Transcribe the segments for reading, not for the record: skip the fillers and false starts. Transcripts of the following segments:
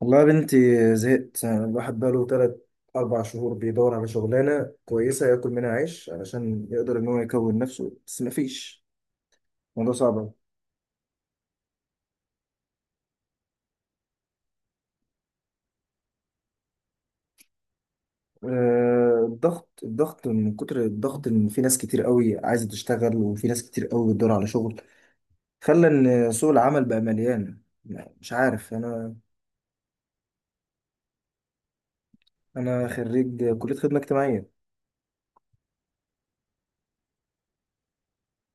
والله يا بنتي، زهقت. الواحد بقاله تلات أربع شهور بيدور على شغلانة كويسة ياكل منها عيش علشان يقدر إن هو يكون نفسه بس مفيش. الموضوع صعب أوي. الضغط من كتر الضغط، إن في ناس كتير قوي عايزة تشتغل وفي ناس كتير قوي بتدور على شغل. خلى إن سوق العمل بقى مليان، يعني مش عارف أنا. أنا خريج كلية خدمة اجتماعية.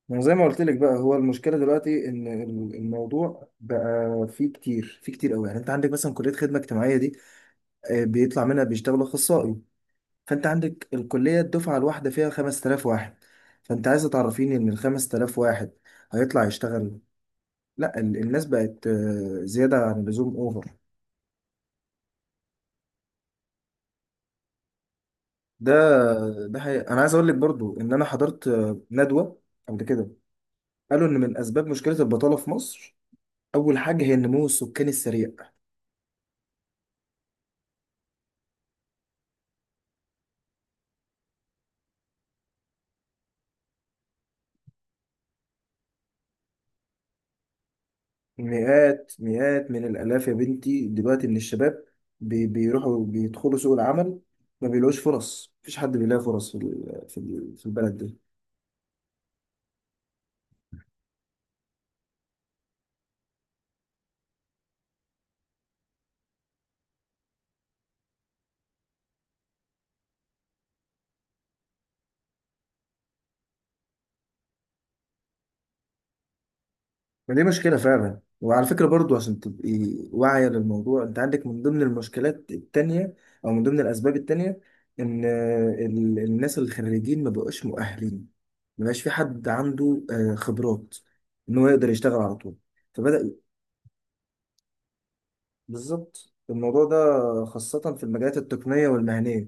ما زي ما قلت لك بقى، هو المشكله دلوقتي ان الموضوع بقى فيه كتير فيه كتير قوي. يعني انت عندك مثلا كليه خدمه اجتماعيه، بيطلع منها بيشتغلوا اخصائي. فانت عندك الكليه الدفعه الواحده فيها 5000 واحد. فانت عايزه تعرفيني ان ال 5000 واحد هيطلع يشتغل؟ لا، الناس بقت زياده عن اللزوم، اوفر. ده ده حقيقة. انا عايز اقول لك برضو ان انا حضرت ندوه قبل كده. قالوا ان من اسباب مشكله البطاله في مصر، اول حاجه هي النمو السكاني السريع. مئات مئات من الآلاف يا بنتي دلوقتي من الشباب بيروحوا بيدخلوا سوق العمل. ما بيلاقوش فرص، مفيش حد بيلاقي فرص في البلد دي. ما دي مشكلة فعلا. وعلى فكرة برضو، عشان تبقي واعية للموضوع، انت عندك من ضمن المشكلات التانية او من ضمن الأسباب التانية ان الناس الخريجين ما بقوش مؤهلين. ما بقاش في حد عنده خبرات ان هو يقدر يشتغل على طول. فبدأ. بالظبط الموضوع ده، خاصة في المجالات التقنية والمهنية.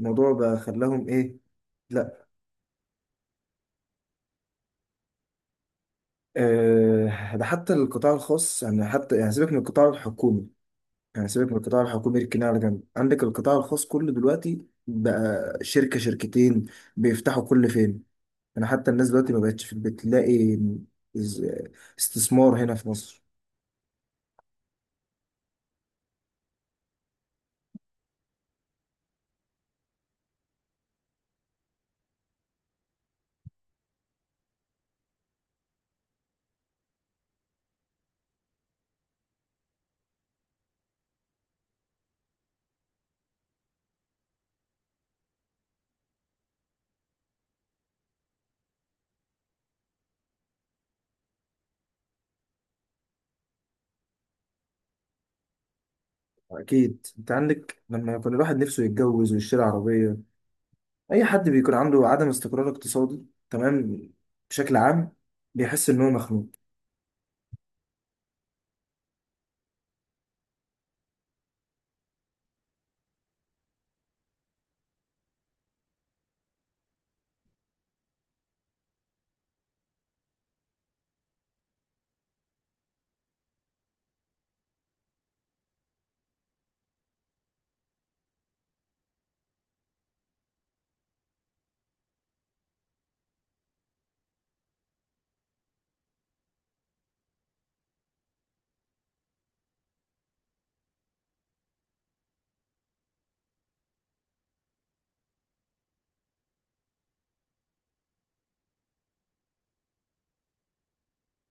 الموضوع بقى خلاهم إيه؟ لا، ده حتى القطاع الخاص. يعني حتى يعني سيبك من القطاع الحكومي، يعني سيبك من القطاع الحكومي، اركناه على جنب. عندك القطاع الخاص كله دلوقتي بقى شركة شركتين بيفتحوا كل فين؟ يعني حتى الناس دلوقتي ما بقتش في البيت، تلاقي از- استثمار هنا في مصر. أكيد، أنت عندك لما كان الواحد نفسه يتجوز ويشتري عربية، اي حد بيكون عنده عدم استقرار اقتصادي، تمام، بشكل عام بيحس ان هو مخنوق.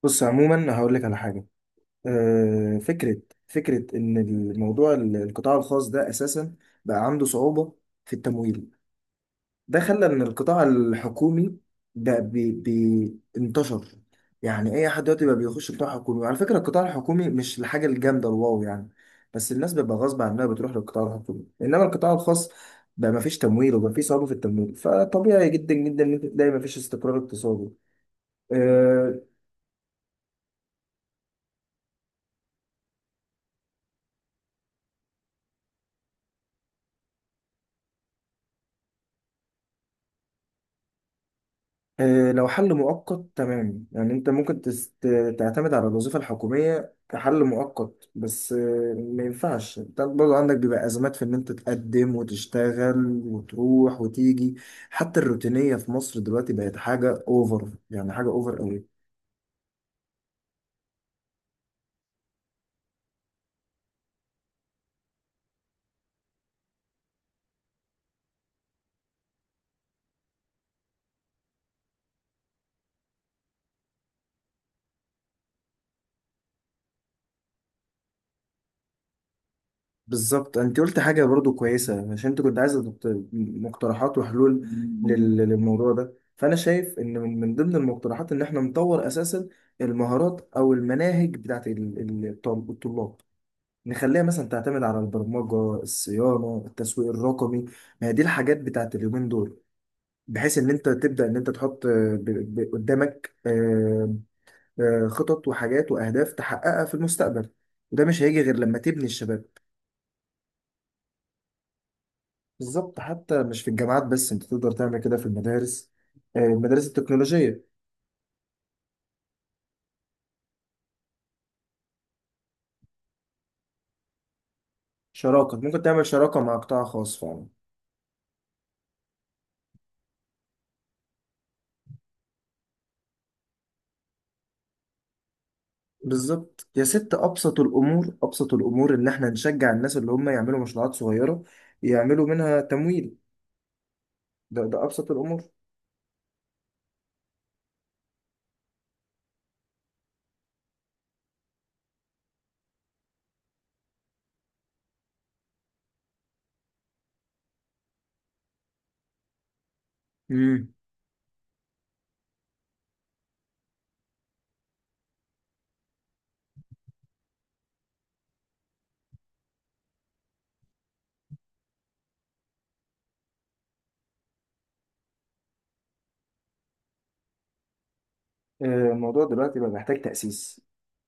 بص، عموما هقول لك على حاجه، آه، فكره فكره ان الموضوع القطاع الخاص ده اساسا بقى عنده صعوبه في التمويل. ده خلى ان القطاع الحكومي بقى بي بي انتشر. يعني اي حد دلوقتي بقى بيخش قطاع حكومي، وعلى فكره القطاع الحكومي مش الحاجه الجامده الواو يعني. بس الناس بتبقى غصب عنها بتروح للقطاع الحكومي. انما القطاع الخاص بقى ما فيش تمويل، وبقى في صعوبه في التمويل. فطبيعي جدا جدا ان انت تلاقي ما فيش استقرار اقتصادي. آه، لو حل مؤقت تمام، يعني انت ممكن تعتمد على الوظيفة الحكومية كحل مؤقت، بس ما ينفعش. انت برضه عندك بيبقى أزمات في ان انت تقدم وتشتغل وتروح وتيجي. حتى الروتينية في مصر دلوقتي بقت حاجة اوفر، يعني حاجة اوفر قوي. بالظبط، انت قلت حاجه برضو كويسه، عشان انت كنت عايزه مقترحات وحلول للموضوع ده. فانا شايف ان من ضمن المقترحات ان احنا نطور اساسا المهارات او المناهج بتاعت الطلاب. نخليها مثلا تعتمد على البرمجه، الصيانه، التسويق الرقمي. ما هي دي الحاجات بتاعت اليومين دول. بحيث ان انت تبدا ان انت تحط قدامك خطط وحاجات واهداف تحققها في المستقبل. وده مش هيجي غير لما تبني الشباب. بالظبط، حتى مش في الجامعات بس، انت تقدر تعمل كده في المدارس، المدارس التكنولوجية. شراكة، ممكن تعمل شراكة مع قطاع خاص فعلا. بالظبط يا ست، أبسط الأمور، أبسط الأمور إن إحنا نشجع الناس اللي هم يعملوا مشروعات صغيرة يعملوا منها تمويل. ده أبسط الأمور. امم الموضوع دلوقتي بقى محتاج تأسيس.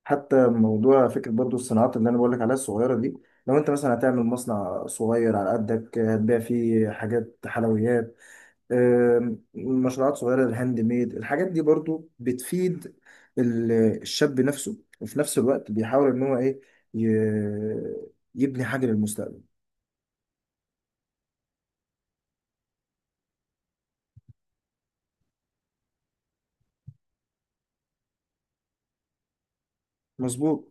حتى موضوع فكرة برضو الصناعات اللي أنا بقولك عليها الصغيرة دي، لو أنت مثلا هتعمل مصنع صغير على قدك، هتبيع فيه حاجات حلويات. مشروعات صغيرة، الهاند ميد، الحاجات دي برضو بتفيد ال- الشاب نفسه، وفي نفس الوقت بيحاول ان هو ايه، ي- يبني حاجة للمستقبل. مظبوط.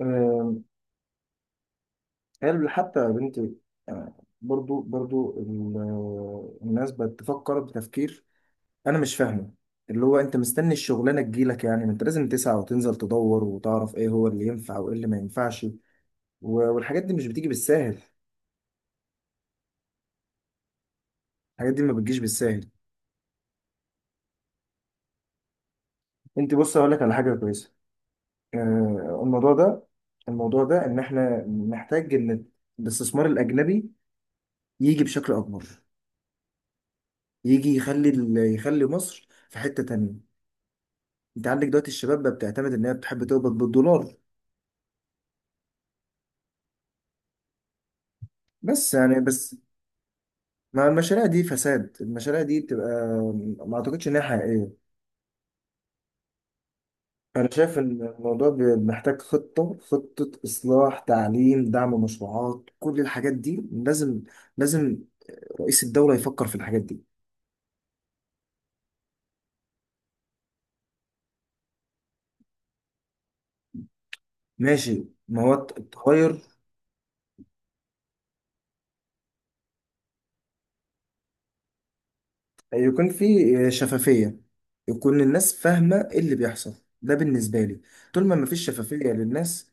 آم، قال حتى يا بنتي. آه، برضو الناس بتفكر بتفكير، انا مش فاهمه. اللي هو انت مستني الشغلانه تجيلك؟ يعني ما انت لازم تسعى وتنزل تدور وتعرف ايه هو اللي ينفع وايه اللي ما ينفعش. والحاجات دي مش بتيجي بالساهل. الحاجات دي ما بتجيش بالساهل. انت، بص اقول لك على حاجه كويسه. آه، الموضوع ده الموضوع ده ان احنا محتاج ان الاستثمار الاجنبي يجي بشكل اكبر، يجي يخلي يخلي مصر في حته تانية. انت عندك دلوقتي الشباب بقى بتعتمد ان هي بتحب تقبض بالدولار، بس يعني بس. مع المشاريع دي فساد، المشاريع دي بتبقى ما اعتقدش ان هي حقيقيه. انا شايف ان الموضوع محتاج خطه اصلاح تعليم، دعم مشروعات، كل الحاجات دي لازم، لازم رئيس الدوله يفكر في الحاجات دي. ماشي، ما هو التغير يكون فيه شفافية، يكون الناس فاهمة ايه اللي بيحصل. ده بالنسبة لي، طول ما مفيش شفافية للناس.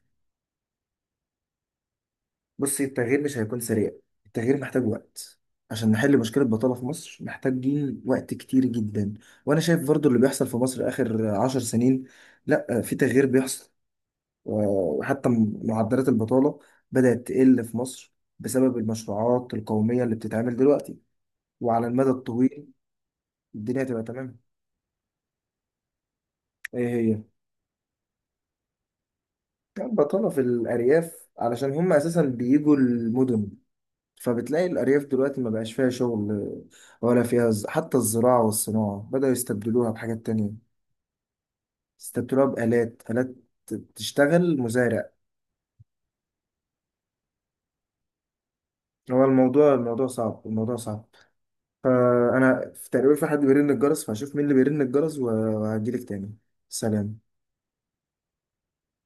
بصي، التغيير مش هيكون سريع. التغيير محتاج وقت. عشان نحل مشكلة البطالة في مصر محتاجين وقت كتير جدا. وأنا شايف برضو اللي بيحصل في مصر آخر 10 سنين، لأ في تغيير بيحصل. وحتى معدلات البطالة بدأت تقل في مصر بسبب المشروعات القومية اللي بتتعمل دلوقتي. وعلى المدى الطويل الدنيا هتبقى تمام. ايه هي؟ كانت بطالة في الأرياف علشان هم أساسا بيجوا المدن، فبتلاقي الأرياف دلوقتي ما بقاش فيها شغل ولا فيها حتى الزراعة والصناعة بدأوا يستبدلوها بحاجات تانية. استبدلوها بآلات، آلات تشتغل مزارع. هو الموضوع صعب، الموضوع صعب. فأنا في تقريبا في حد بيرن الجرس، فهشوف مين اللي بيرن الجرس وهجيلك تاني. سلام.